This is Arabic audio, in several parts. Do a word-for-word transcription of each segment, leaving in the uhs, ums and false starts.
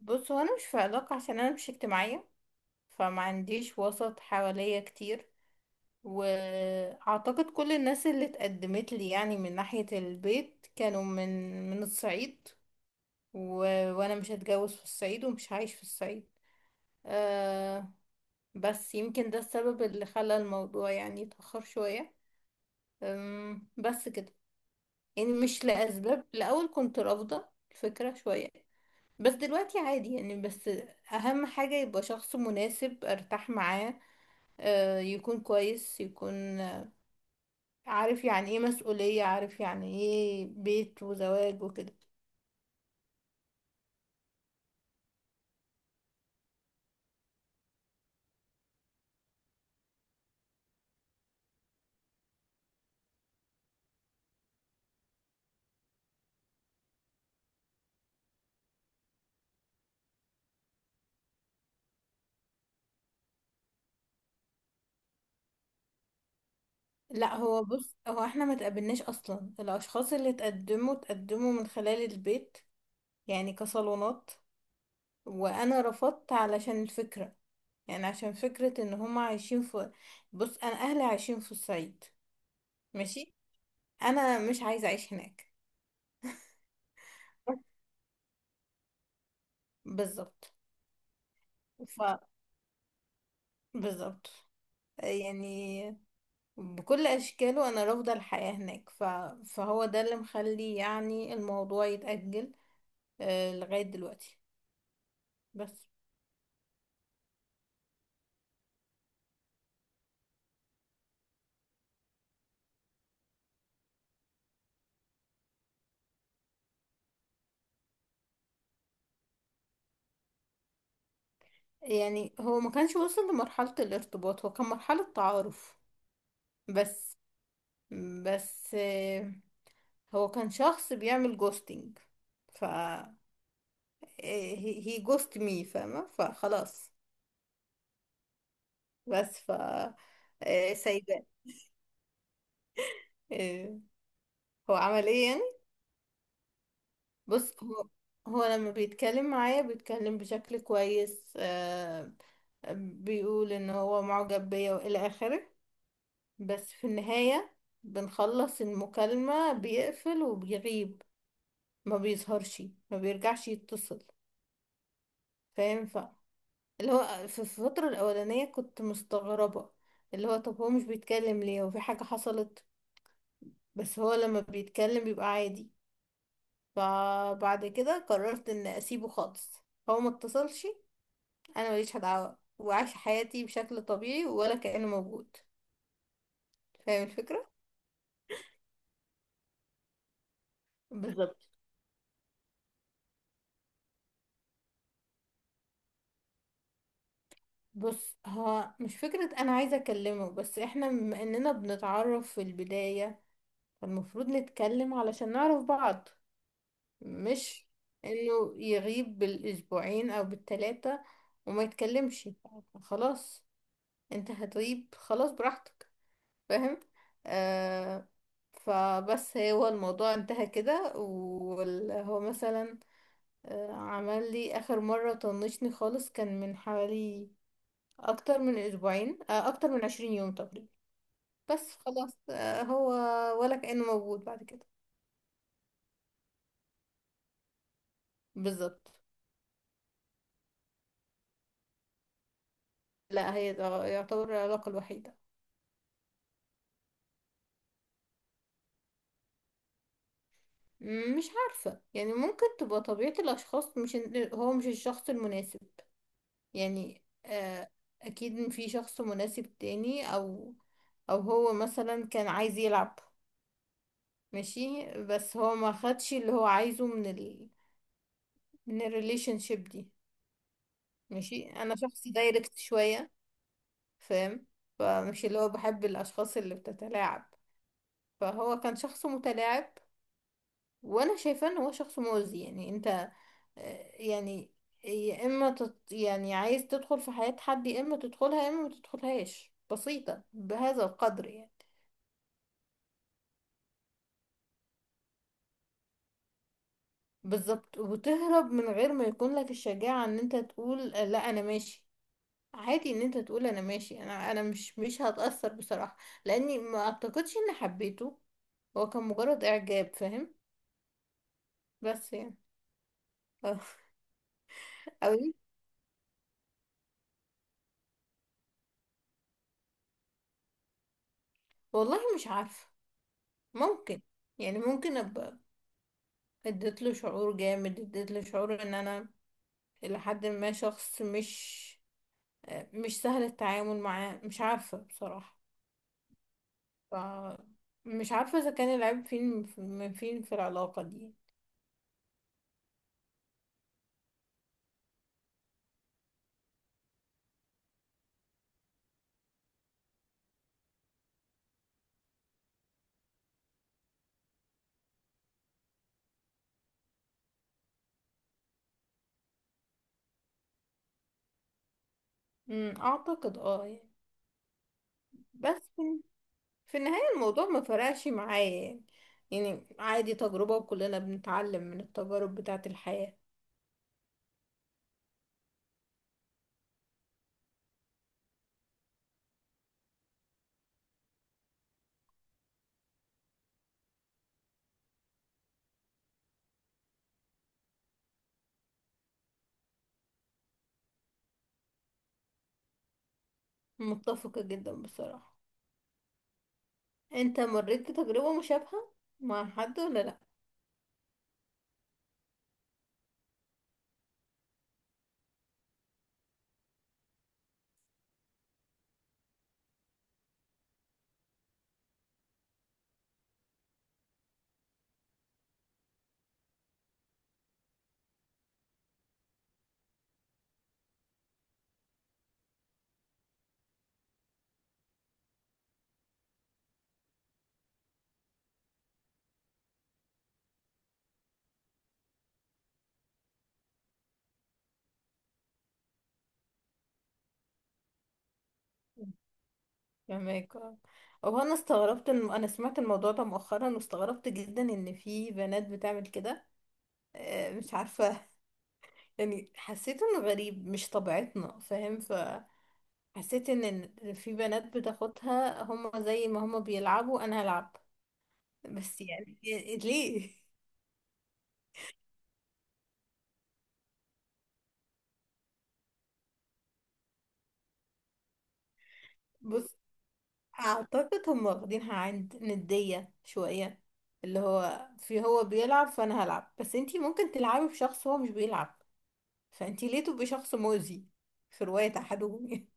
بص، هو انا مش في علاقة عشان انا مش اجتماعية. فما عنديش وسط حواليا كتير. واعتقد كل الناس اللي اتقدمت لي يعني من ناحية البيت كانوا من من الصعيد. و... وانا مش هتجوز في الصعيد ومش هعيش في الصعيد. أه. بس يمكن ده السبب اللي خلى الموضوع يعني يتأخر شوية. أم بس كده. يعني مش لأسباب، الأول كنت رافضة الفكرة شوية، بس دلوقتي عادي يعني. بس اهم حاجة يبقى شخص مناسب ارتاح معاه، آه، يكون كويس، يكون عارف يعني ايه مسؤولية، عارف يعني ايه بيت وزواج وكده. لا، هو بص، هو احنا ما تقابلناش اصلا. الاشخاص اللي تقدموا تقدموا من خلال البيت، يعني كصالونات. وانا رفضت علشان الفكرة، يعني عشان فكرة ان هم عايشين في. بص، انا اهلي عايشين في الصعيد. ماشي. انا مش عايزة اعيش هناك. بالظبط. بالظبط. يعني بكل أشكاله أنا رافضة الحياة هناك. ف... فهو ده اللي مخلي يعني الموضوع يتأجل آه، لغاية دلوقتي. بس. يعني هو ما كانش وصل لمرحلة الارتباط، هو كان مرحلة تعارف. بس بس آه، هو كان شخص بيعمل جوستنج. ف هي جوست مي، فاهمة؟ فخلاص. بس. ف آه، سايباه. آه، هو عمل ايه يعني؟ بص، هو هو لما بيتكلم معايا بيتكلم بشكل كويس، آه بيقول ان هو معجب بيا والى اخره. بس في النهاية بنخلص المكالمة بيقفل وبيغيب. ما بيظهرش، ما بيرجعش يتصل. فاهم؟ ف اللي هو في في الفترة الأولانية كنت مستغربة، اللي هو طب هو مش بيتكلم ليه؟ وفي حاجة حصلت؟ بس هو لما بيتكلم بيبقى عادي. فبعد كده قررت ان اسيبه خالص. هو ما اتصلش، انا ماليش دعوه وعايشه حياتي بشكل طبيعي ولا كأنه موجود. فاهم الفكره؟ بالظبط. بص، هو مش فكرة أنا عايزة أكلمه، بس إحنا بما إننا بنتعرف في البداية فالمفروض نتكلم علشان نعرف بعض. مش إنه يغيب بالأسبوعين أو بالتلاتة وما يتكلمش. خلاص، أنت هتغيب خلاص براحتك. فاهم؟ آه فبس هو الموضوع انتهى كده، وهو مثلا آه، عمل لي اخر مرة طنشني خالص، كان من حوالي اكتر من اسبوعين، آه، اكتر من عشرين يوم تقريبا. بس خلاص. آه، هو ولا كأنه موجود بعد كده. بالظبط. لا، هي ده يعتبر العلاقة الوحيدة. م، مش عارفة، يعني ممكن تبقى طبيعة الاشخاص، مش إن- هو مش الشخص المناسب. يعني آه، اكيد في شخص مناسب تاني، او او هو مثلا كان عايز يلعب. ماشي، بس هو ما خدش اللي هو عايزه من من الريليشن شيب دي. ماشي. انا شخص دايركت شوية، فاهم؟ فمش اللي هو بحب الاشخاص اللي بتتلاعب. فهو كان شخص متلاعب. وانا شايفاه ان هو شخص مؤذي. يعني انت، آه، يعني يا اما تت يعني عايز تدخل في حياة حد، يا اما تدخلها يا اما ما تدخلهاش. بسيطة بهذا القدر يعني. بالظبط. وتهرب من غير ما يكون لك الشجاعة ان انت تقول آه، لا، انا ماشي. عادي ان انت تقول انا ماشي، انا انا مش مش هتأثر بصراحة. لاني ما اعتقدش اني حبيته، هو كان مجرد اعجاب. فاهم؟ بس يعني. اه. اوي. والله مش عارفة. ممكن. يعني ممكن ابقى اديت له شعور جامد، اديت له شعور ان انا الى حد ما شخص مش مش سهل التعامل معاه. مش عارفة بصراحة. ف مش عارفة اذا كان العيب فين من فين في العلاقة دي. أمم، اعتقد اه، يعني. بس في النهاية الموضوع ما فرقش معايا يعني. يعني عادي، تجربة وكلنا بنتعلم من التجارب بتاعة الحياة. متفقة جدا بصراحة. انت مريت بتجربة مشابهة مع حد ولا لأ؟ فهمك، اه. هو انا استغربت ان انا سمعت الموضوع ده مؤخرا، واستغربت جدا ان في بنات بتعمل كده. آه، مش عارفة، يعني حسيت انه غريب، مش طبيعتنا. فاهم؟ فحسيت ان إن في بنات بتاخدها، هما زي ما هما بيلعبوا انا هلعب. بس يعني، ليه؟ بص، اعتقد هم واخدينها عند ندية شوية، اللي هو في هو بيلعب فانا هلعب. بس انتي ممكن تلعبي بشخص هو مش بيلعب، فانتي ليه تبقي شخص مؤذي في رواية احدهم، يعني؟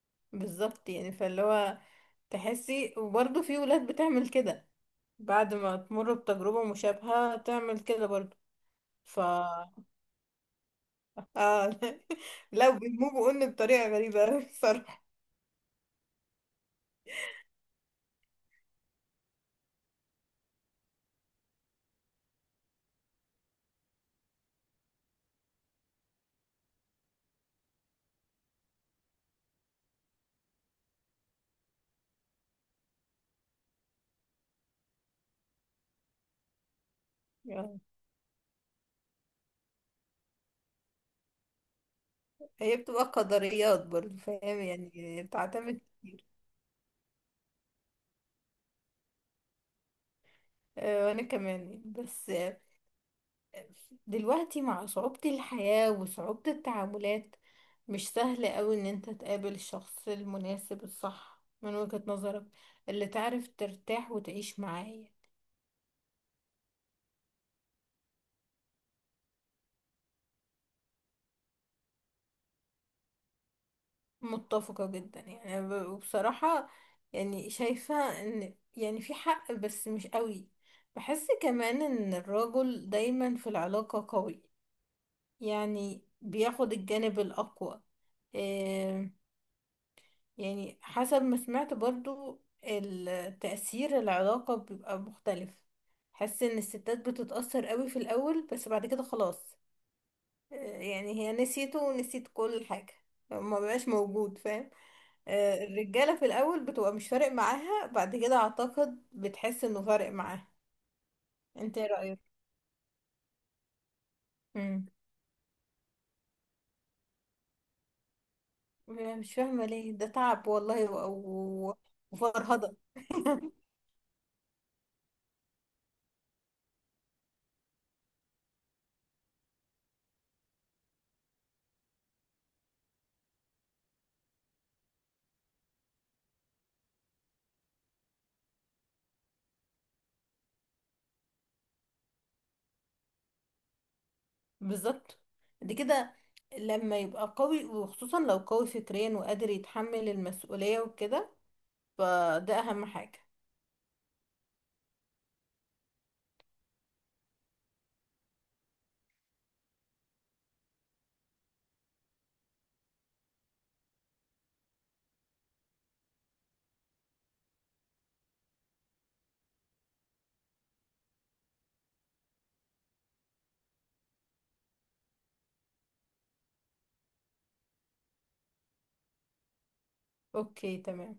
بالظبط، يعني فاللي هو تحسي، وبرضه في ولاد بتعمل كده، بعد ما تمر بتجربة مشابهة تعمل كده برضه. ف اه لا، بيموجوا ان بطريقة غريبة أوي الصراحة. هي بتبقى قدريات برضه، فاهم؟ يعني بتعتمد كتير. آه، وانا كمان يعني. بس آه، دلوقتي مع صعوبة الحياة وصعوبة التعاملات، مش سهل قوي ان انت تقابل الشخص المناسب الصح من وجهة نظرك، اللي تعرف ترتاح وتعيش معاه. متفقة جدا يعني. أنا ب- وبصراحة يعني شايفة ان يعني في حق، بس مش قوي. بحس كمان ان الرجل دايما في العلاقة قوي، يعني بياخد الجانب الأقوى. آه، يعني حسب ما سمعت برضو التأثير العلاقة بيبقى مختلف. حس ان الستات بتتأثر قوي في الأول، بس بعد كده خلاص. آه، يعني هي نسيته ونسيت كل حاجة. ما بقاش موجود، فاهم؟ آه، الرجالة في الأول بتبقى مش فارق معاها، بعد كده أعتقد بتحس انه فارق معاها. انت ايه رأيك؟ مم. مش فاهمة ليه ده تعب، والله، و- و- وفرهضة. بالظبط. دي كده، لما يبقى قوي وخصوصا لو قوي فكريا وقادر يتحمل المسؤولية وكده، فده أهم حاجة. اوكي، تمام.